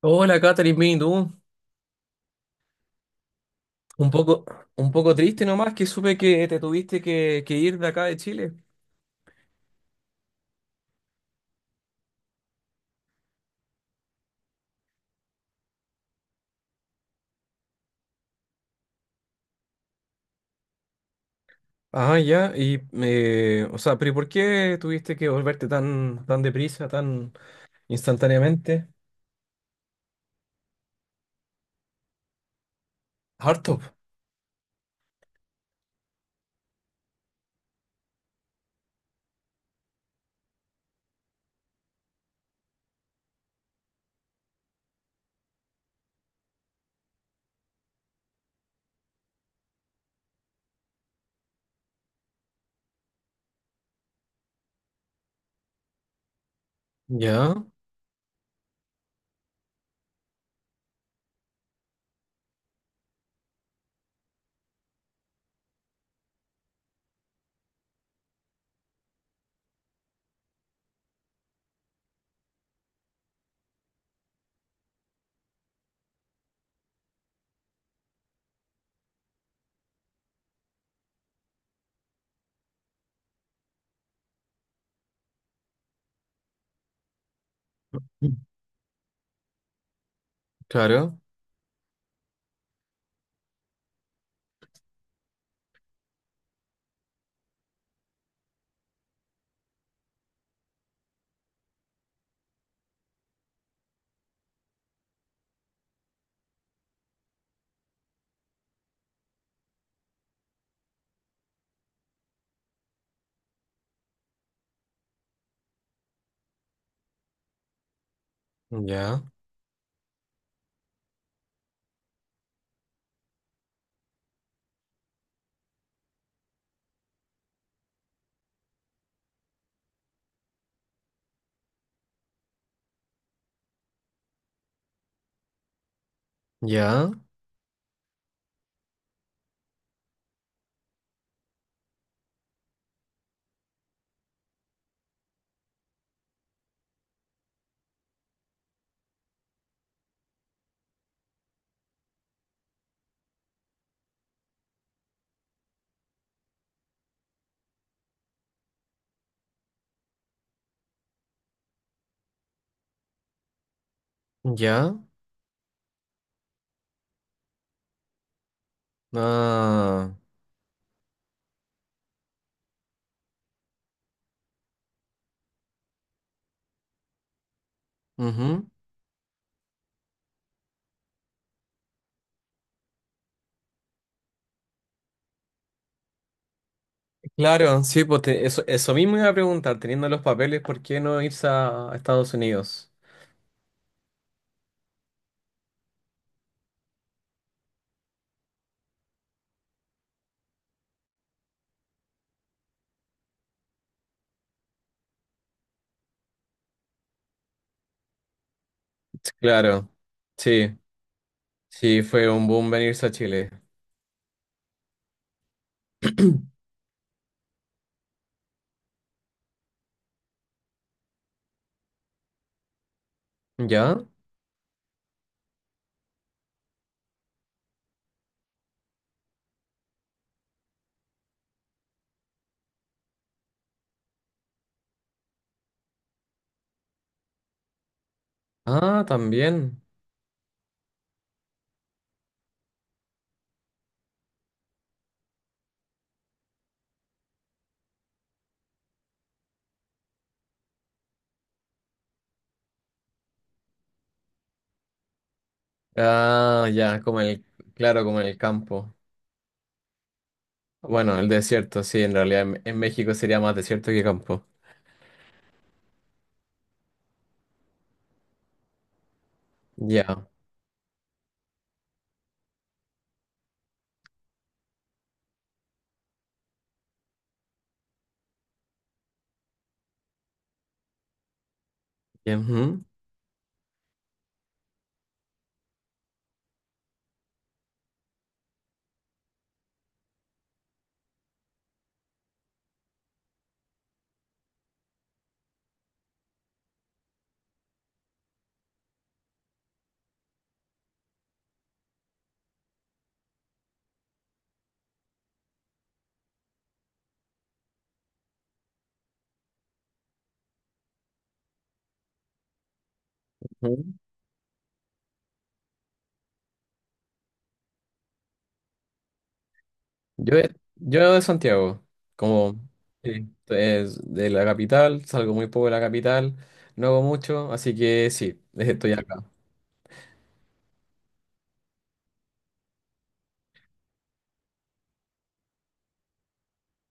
Hola, Catherine, bien, ¿y tú? Un poco, un poco triste nomás que supe que te tuviste que ir de acá de Chile. Pero ¿y por qué tuviste que volverte tan deprisa, tan instantáneamente? Harto. Ya. Mm, claro, ya, ya, ya. ah, Ujú. Claro, sí, pues eso, eso mismo iba a preguntar, teniendo los papeles, ¿por qué no irse a Estados Unidos? Claro, sí. Sí, fue un boom venirse a Chile. ¿Ya? Ah, también. Ah, ya, como el, claro, como en el campo. Bueno, el desierto, sí, en realidad en México sería más desierto que campo. Ya. y- ujú, Ujú. Yo, yo de Santiago, como sí, es de la capital, salgo muy poco de la capital, no hago mucho, así que sí, estoy acá.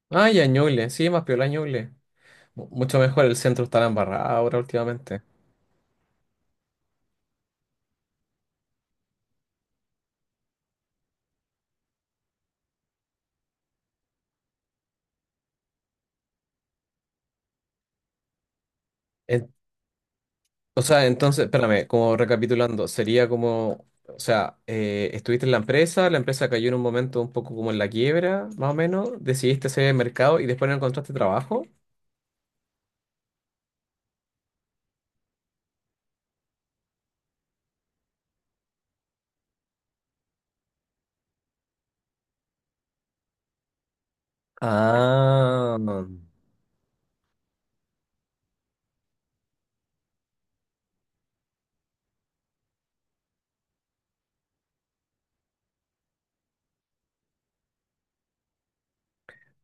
Ah, ya, Ñuble, sí, más piola Ñuble. Mucho mejor, el centro está embarrado ahora últimamente. O sea, entonces, espérame, como recapitulando, sería como, estuviste en la empresa cayó en un momento un poco como en la quiebra, más o menos, decidiste hacer el mercado y después no encontraste trabajo. Ah,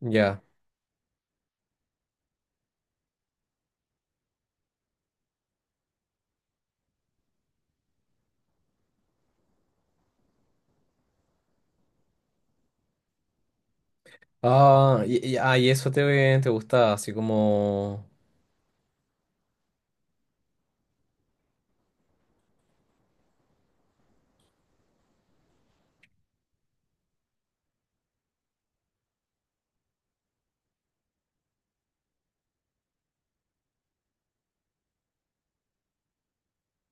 ya. Ah, y eso te, te gustaba, así como...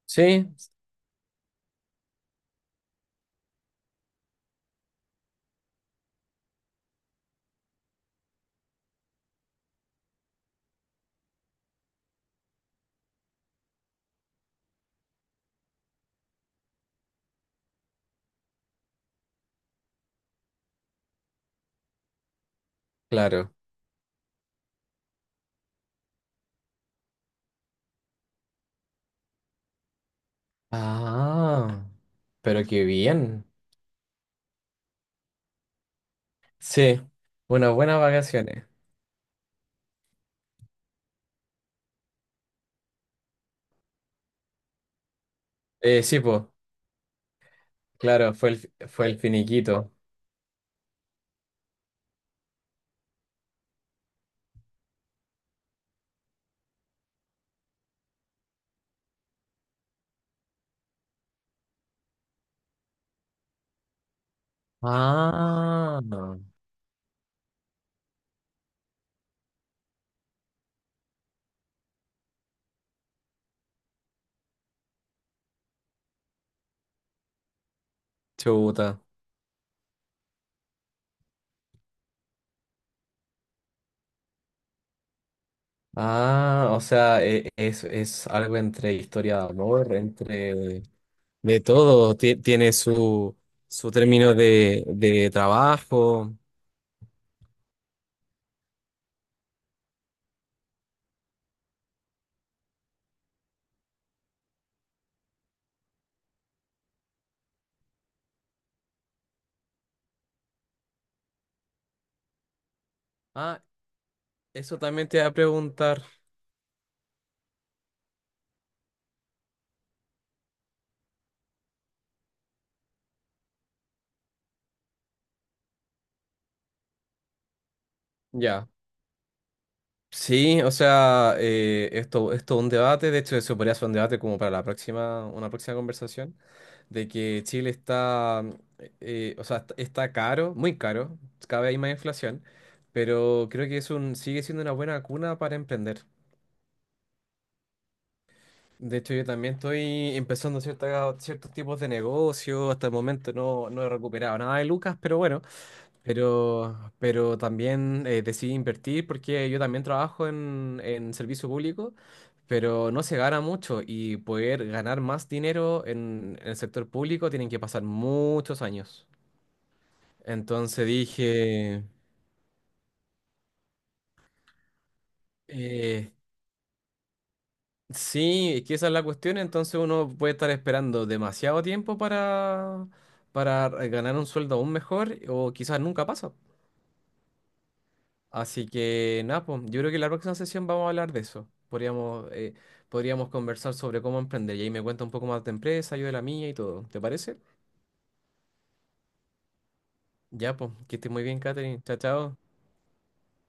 Sí, claro. Ah, pero qué bien. Sí, unas buenas vacaciones. Sí, pues, claro, fue el finiquito. Ah. Chuta. Ah, o sea, es algo entre historia de amor, entre de todo. Tiene su, su término de trabajo. Ah, eso también te voy a preguntar. Ya. Sí, o sea, esto, esto es un debate, de hecho eso podría ser un debate como para la próxima, una próxima conversación, de que Chile está, está caro, muy caro, cada vez hay más inflación, pero creo que es un, sigue siendo una buena cuna para emprender. De hecho, yo también estoy empezando ciertos tipos de negocios, hasta el momento no, no he recuperado nada de lucas, pero bueno. Pero también decidí invertir porque yo también trabajo en servicio público, pero no se gana mucho y poder ganar más dinero en el sector público tienen que pasar muchos años. Entonces dije, eh, sí, es que esa es la cuestión, entonces uno puede estar esperando demasiado tiempo para ganar un sueldo aún mejor o quizás nunca pasa. Así que nada, pues, yo creo que la próxima sesión vamos a hablar de eso. Podríamos, podríamos conversar sobre cómo emprender y ahí me cuenta un poco más de empresa, yo de la mía y todo. ¿Te parece? Ya, pues, que estés muy bien, Catherine. Chao, chao.